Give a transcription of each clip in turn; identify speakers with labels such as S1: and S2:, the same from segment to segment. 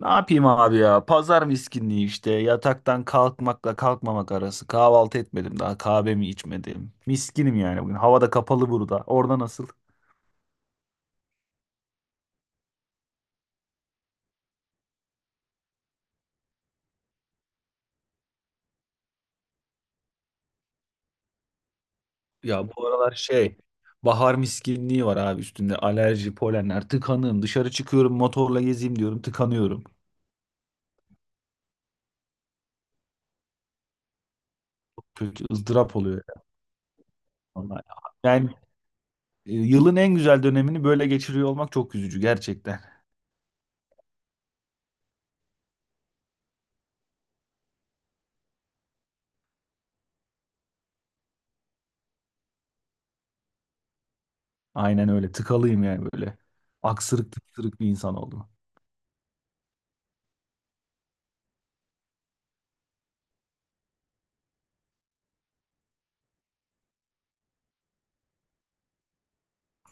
S1: Ne yapayım abi ya? Pazar miskinliği işte. Yataktan kalkmakla kalkmamak arası. Kahvaltı etmedim daha. Kahvemi içmedim. Miskinim yani bugün. Havada kapalı burada. Orada nasıl? Ya bu aralar şey. Bahar miskinliği var abi üstünde. Alerji, polenler, tıkanığım. Dışarı çıkıyorum motorla gezeyim diyorum. Tıkanıyorum. Kötü ızdırap oluyor ya, vallahi. Yani yılın en güzel dönemini böyle geçiriyor olmak çok üzücü gerçekten. Aynen öyle. Tıkalıyım yani böyle. Aksırık tıksırık bir insan oldum.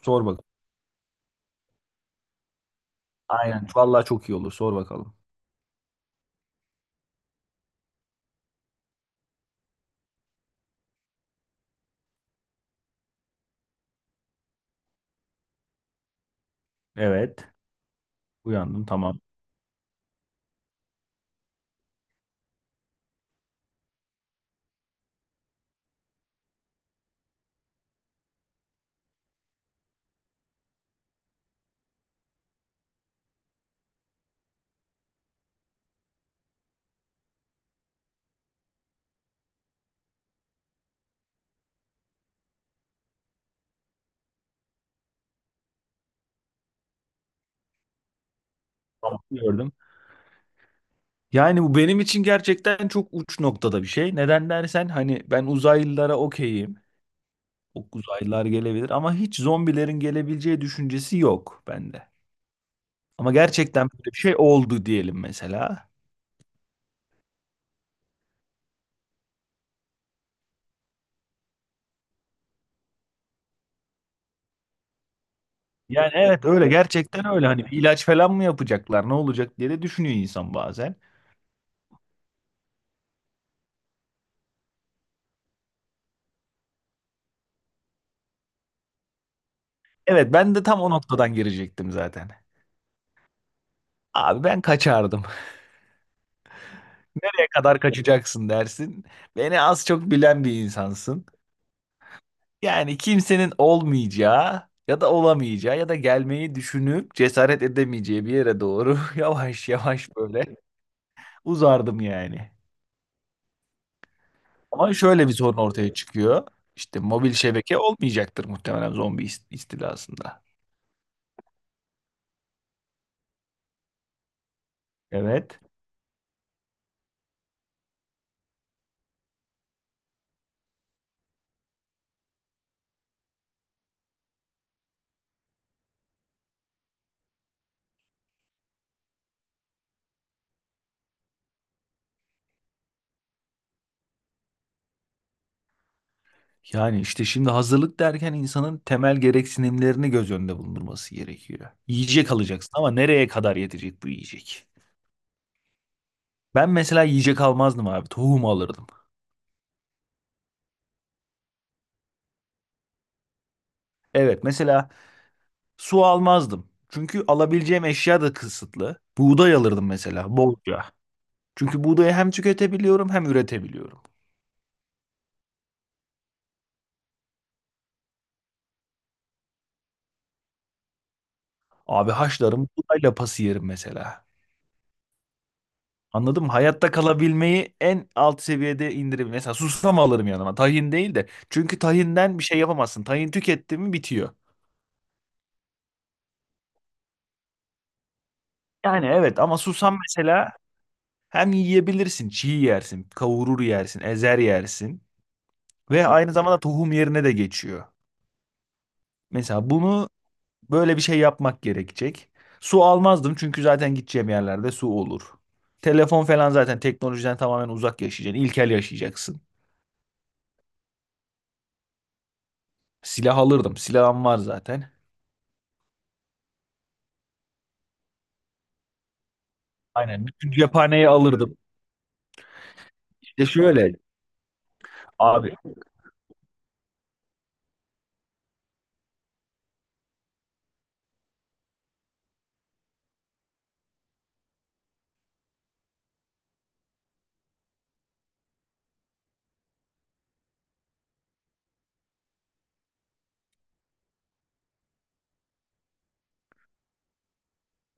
S1: Sor bakalım. Aynen. Vallahi çok iyi olur. Sor bakalım. Evet. Uyandım. Tamam. Tamam. Gördüm. Yani bu benim için gerçekten çok uç noktada bir şey. Neden dersen hani ben uzaylılara okeyim. O uzaylılar gelebilir ama hiç zombilerin gelebileceği düşüncesi yok bende. Ama gerçekten böyle bir şey oldu diyelim mesela. Yani evet öyle gerçekten öyle, hani bir ilaç falan mı yapacaklar ne olacak diye de düşünüyor insan bazen. Evet ben de tam o noktadan girecektim zaten. Abi ben kaçardım. Ne kadar kaçacaksın dersin. Beni az çok bilen bir insansın. Yani kimsenin olmayacağı ya da olamayacağı ya da gelmeyi düşünüp cesaret edemeyeceği bir yere doğru yavaş yavaş böyle uzardım yani. Ama şöyle bir sorun ortaya çıkıyor. İşte mobil şebeke olmayacaktır muhtemelen zombi istilasında. Evet. Yani işte şimdi hazırlık derken insanın temel gereksinimlerini göz önünde bulundurması gerekiyor. Yiyecek alacaksın ama nereye kadar yetecek bu yiyecek? Ben mesela yiyecek almazdım abi. Tohum alırdım. Evet mesela su almazdım. Çünkü alabileceğim eşya da kısıtlı. Buğday alırdım mesela bolca. Çünkü buğdayı hem tüketebiliyorum hem üretebiliyorum. Abi haşlarım, buğday lapası yerim mesela. Anladım. Hayatta kalabilmeyi en alt seviyede indirebilir. Mesela susam alırım yanıma. Tahin değil de. Çünkü tahinden bir şey yapamazsın. Tahin tüketti mi bitiyor. Yani evet ama susam mesela hem yiyebilirsin. Çiğ yersin. Kavurur yersin. Ezer yersin. Ve aynı zamanda tohum yerine de geçiyor. Mesela bunu böyle bir şey yapmak gerekecek. Su almazdım çünkü zaten gideceğim yerlerde su olur. Telefon falan zaten, teknolojiden tamamen uzak yaşayacaksın. İlkel yaşayacaksın. Silah alırdım. Silahım var zaten. Aynen. Bütün cephaneyi alırdım. İşte şöyle abi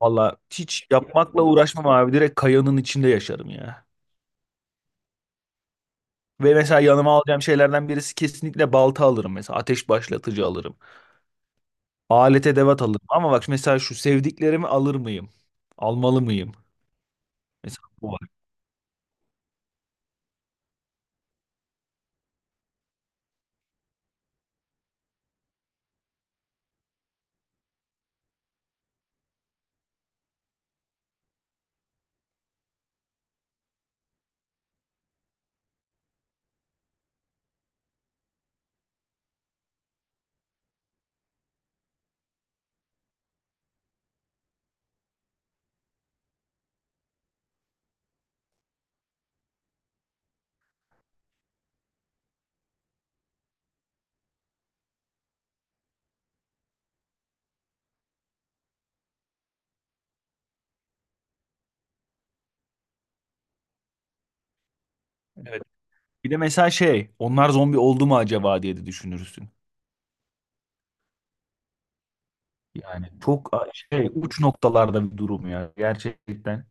S1: valla hiç yapmakla uğraşmam abi. Direkt kayanın içinde yaşarım ya. Ve mesela yanıma alacağım şeylerden birisi, kesinlikle balta alırım mesela. Ateş başlatıcı alırım. Alet edevat alırım. Ama bak mesela şu sevdiklerimi alır mıyım? Almalı mıyım? Mesela bu var. Evet. Bir de mesela onlar zombi oldu mu acaba diye de düşünürsün. Yani çok uç noktalarda bir durum ya gerçekten.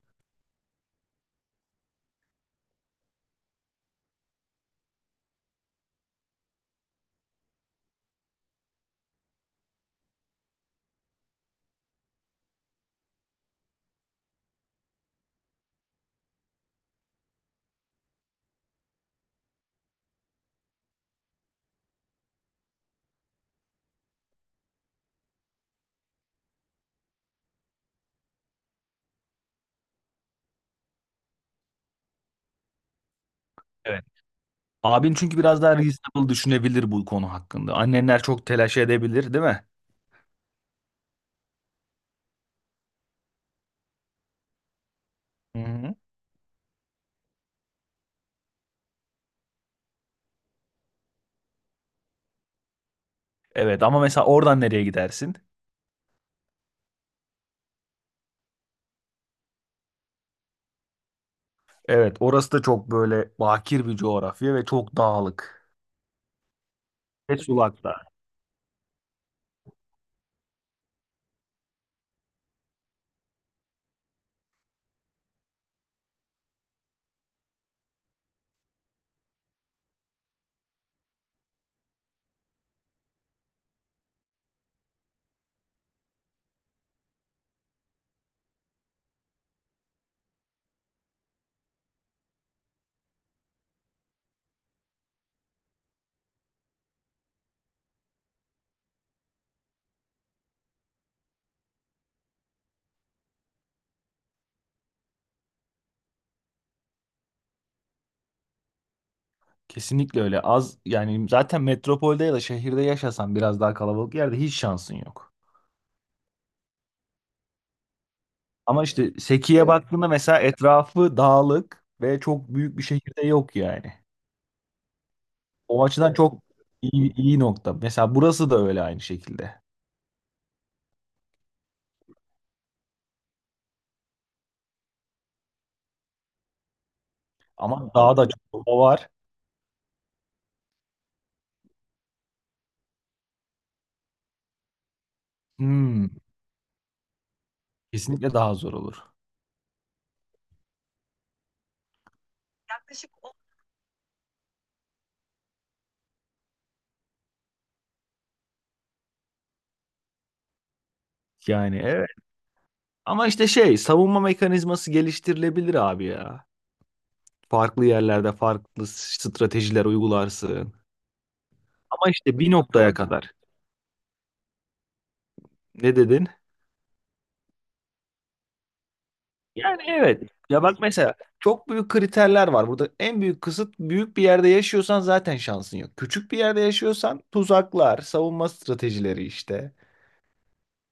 S1: Abin çünkü biraz daha reasonable düşünebilir bu konu hakkında. Annenler çok telaş edebilir, değil mi? Hı-hı. Evet ama mesela oradan nereye gidersin? Evet orası da çok böyle bakir bir coğrafya ve çok dağlık. Ve sulakta. Kesinlikle öyle. Az yani, zaten metropolde ya da şehirde yaşasan biraz daha kalabalık yerde hiç şansın yok. Ama işte Seki'ye evet, baktığında mesela etrafı dağlık ve çok büyük bir şehirde yok yani. O açıdan çok iyi nokta. Mesela burası da öyle aynı şekilde. Ama daha da çok baba var. Hmm, kesinlikle daha zor olur. Yani evet. Ama işte savunma mekanizması geliştirilebilir abi ya. Farklı yerlerde farklı stratejiler uygularsın. Ama işte bir noktaya kadar. Ne dedin? Yani evet. Ya bak mesela çok büyük kriterler var. Burada en büyük kısıt, büyük bir yerde yaşıyorsan zaten şansın yok. Küçük bir yerde yaşıyorsan tuzaklar, savunma stratejileri işte.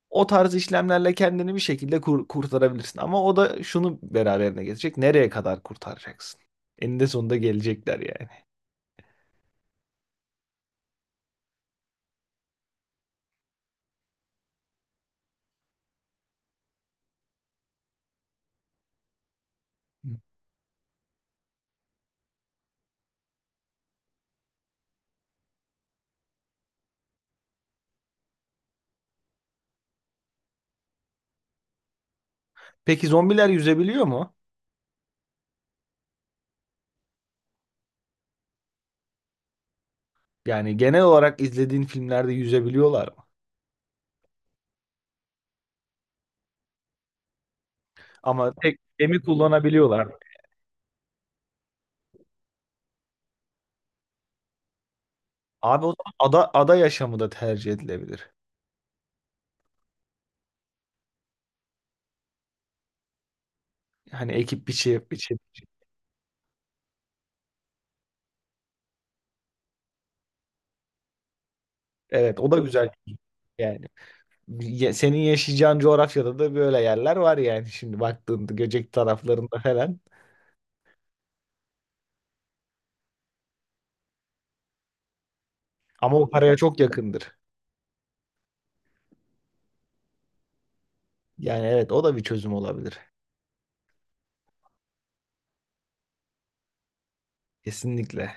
S1: O tarz işlemlerle kendini bir şekilde kurtarabilirsin. Ama o da şunu beraberine getirecek. Nereye kadar kurtaracaksın? Eninde sonunda gelecekler yani. Peki zombiler yüzebiliyor mu? Yani genel olarak izlediğin filmlerde yüzebiliyorlar mı? Ama tek gemi kullanabiliyorlar mı? Abi o zaman ada yaşamı da tercih edilebilir. Hani biçi. Evet o da güzel yani. Senin yaşayacağın coğrafyada da böyle yerler var yani, şimdi baktığında Göcek taraflarında falan. Ama o paraya çok yakındır. Yani evet o da bir çözüm olabilir. Kesinlikle.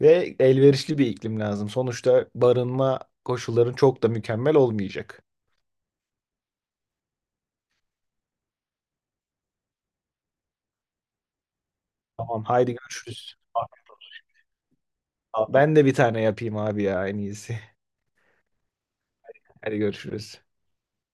S1: Ve elverişli bir iklim lazım. Sonuçta barınma koşulların çok da mükemmel olmayacak. Tamam haydi görüşürüz. Ben de bir tane yapayım abi ya, en iyisi. Hadi görüşürüz.